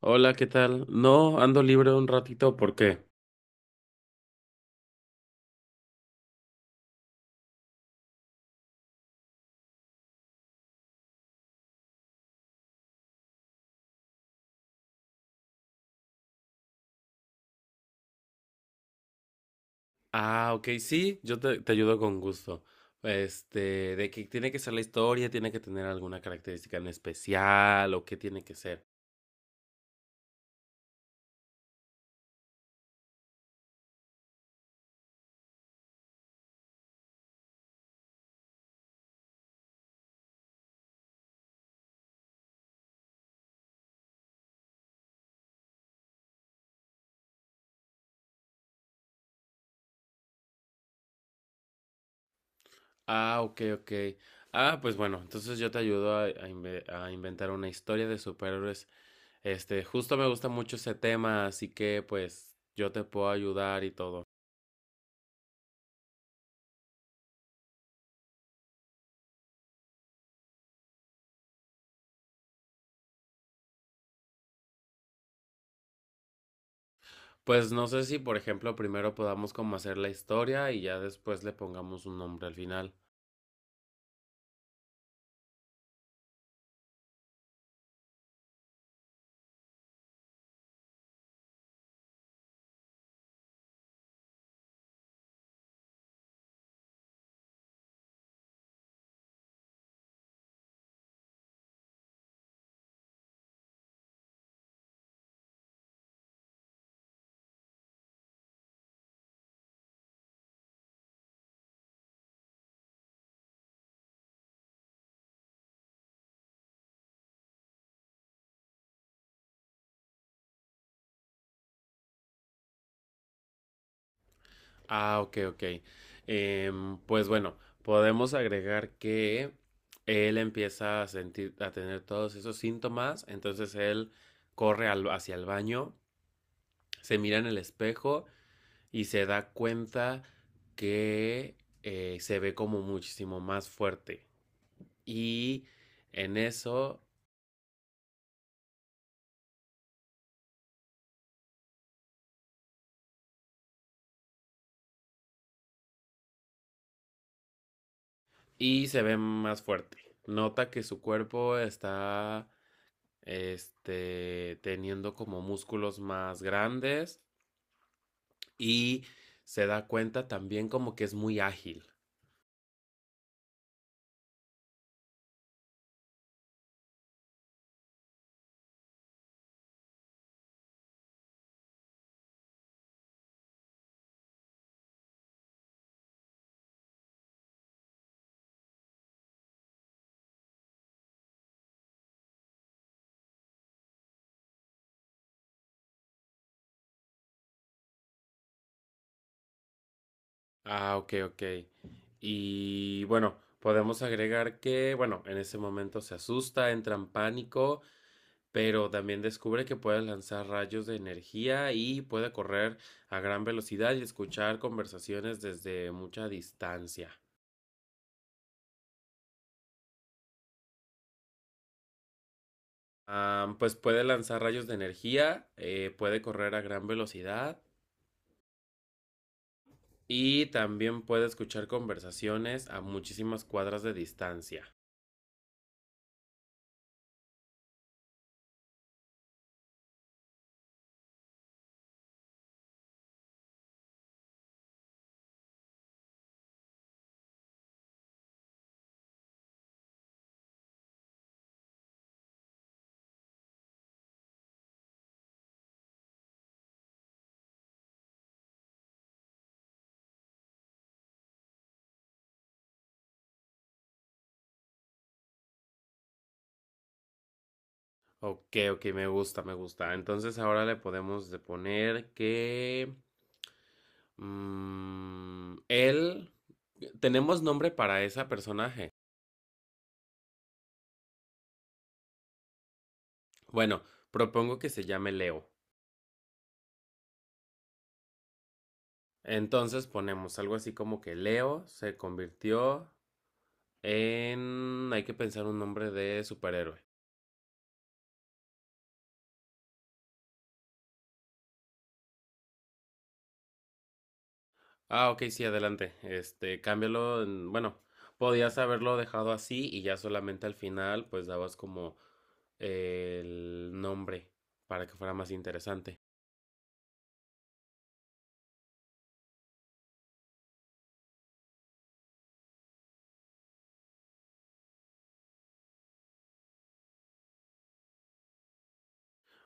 Hola, ¿qué tal? No, ando libre un ratito, ¿por qué? Ah, ok, sí, yo te ayudo con gusto. Este, de que tiene que ser la historia, tiene que tener alguna característica en especial o qué tiene que ser. Ah, ok, ok. Ah, pues bueno, entonces yo te ayudo a inventar una historia de superhéroes. Este, justo me gusta mucho ese tema, así que pues yo te puedo ayudar y todo. Pues no sé si, por ejemplo, primero podamos como hacer la historia y ya después le pongamos un nombre al final. Ah, ok, ok. Pues bueno, podemos agregar que él empieza a sentir, a tener todos esos síntomas, entonces él hacia el baño, se mira en el espejo y se da cuenta que se ve como muchísimo más fuerte. Y en eso, y se ve más fuerte. Nota que su cuerpo está, este, teniendo como músculos más grandes y se da cuenta también como que es muy ágil. Ah, ok, ok. Y bueno, podemos agregar que, bueno, en ese momento se asusta, entra en pánico, pero también descubre que puede lanzar rayos de energía y puede correr a gran velocidad y escuchar conversaciones desde mucha distancia. Ah, pues puede lanzar rayos de energía, puede correr a gran velocidad y también puede escuchar conversaciones a muchísimas cuadras de distancia. Ok, ok, me gusta, me gusta. Entonces ahora le podemos de poner que... mm, él... ¿Tenemos nombre para ese personaje? Bueno, propongo que se llame Leo. Entonces ponemos algo así como que Leo se convirtió en... Hay que pensar un nombre de superhéroe. Ah, ok, sí, adelante. Este, bueno, podías haberlo dejado así y ya solamente al final pues dabas como el nombre para que fuera más interesante.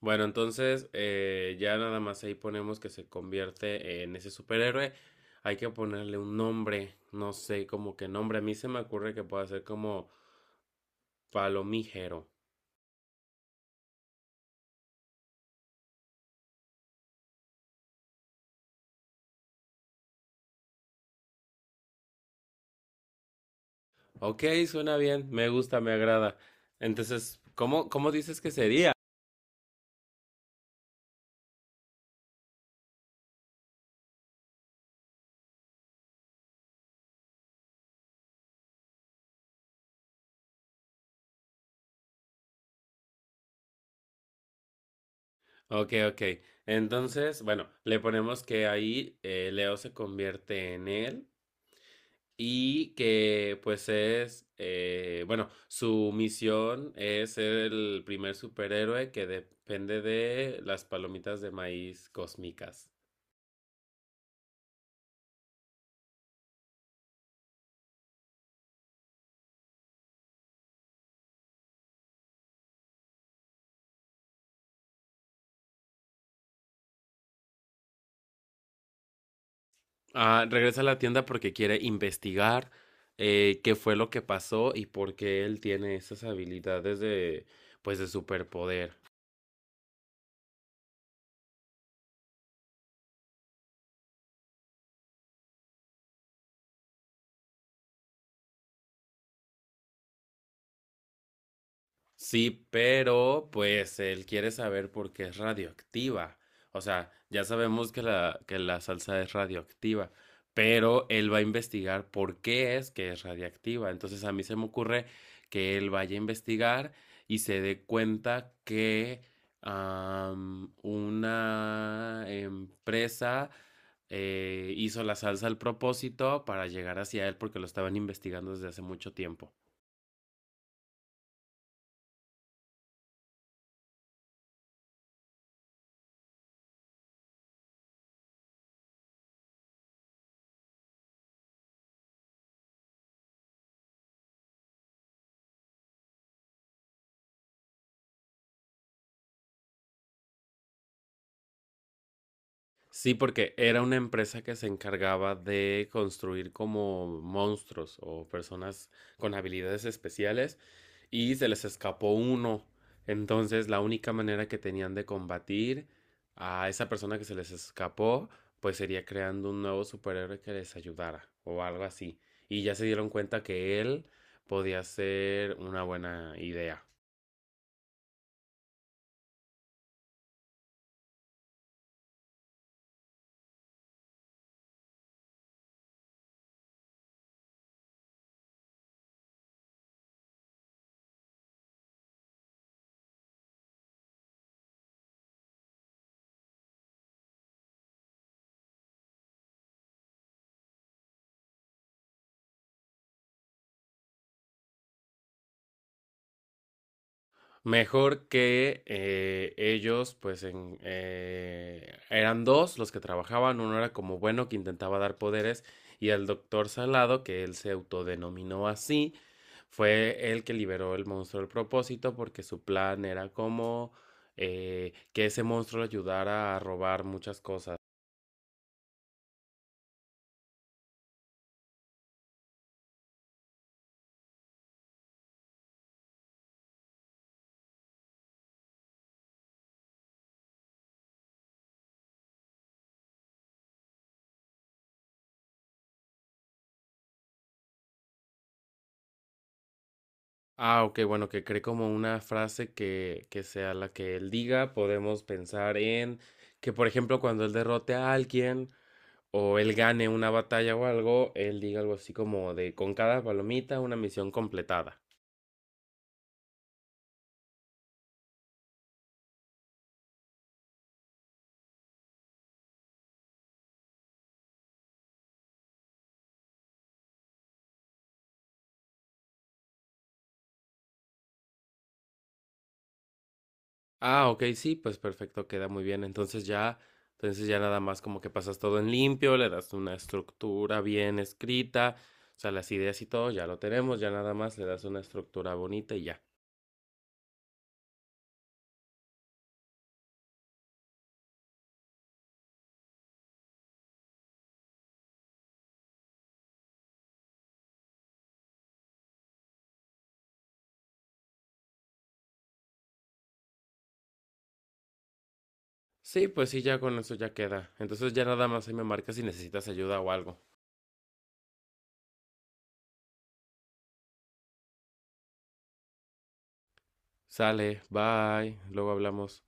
Bueno, entonces ya nada más ahí ponemos que se convierte en ese superhéroe. Hay que ponerle un nombre, no sé, como que nombre. A mí se me ocurre que pueda ser como Palomígero. Ok, suena bien, me gusta, me agrada. Entonces, ¿cómo dices que sería? Ok, ok. Entonces, bueno, le ponemos que ahí Leo se convierte en él y que pues es, bueno, su misión es ser el primer superhéroe que depende de las palomitas de maíz cósmicas. Ah, regresa a la tienda porque quiere investigar qué fue lo que pasó y por qué él tiene esas habilidades de, pues, de superpoder. Sí, pero pues él quiere saber por qué es radioactiva. O sea, ya sabemos que la salsa es radioactiva, pero él va a investigar por qué es que es radioactiva. Entonces a mí se me ocurre que él vaya a investigar y se dé cuenta que una empresa hizo la salsa al propósito para llegar hacia él porque lo estaban investigando desde hace mucho tiempo. Sí, porque era una empresa que se encargaba de construir como monstruos o personas con habilidades especiales y se les escapó uno. Entonces, la única manera que tenían de combatir a esa persona que se les escapó, pues sería creando un nuevo superhéroe que les ayudara o algo así. Y ya se dieron cuenta que él podía ser una buena idea. Mejor que ellos, pues eran dos los que trabajaban, uno era como bueno que intentaba dar poderes y el doctor Salado, que él se autodenominó así, fue el que liberó el monstruo del propósito porque su plan era como que ese monstruo le ayudara a robar muchas cosas. Ah, ok, bueno, que cree como una frase que sea la que él diga, podemos pensar en que, por ejemplo, cuando él derrote a alguien, o él gane una batalla o algo, él diga algo así como de con cada palomita una misión completada. Ah, ok, sí, pues perfecto, queda muy bien. Entonces ya nada más como que pasas todo en limpio, le das una estructura bien escrita, o sea, las ideas y todo, ya lo tenemos, ya nada más le das una estructura bonita y ya. Sí, pues sí, ya con eso ya queda. Entonces ya nada más ahí me marcas si necesitas ayuda o algo. Sale, bye, luego hablamos.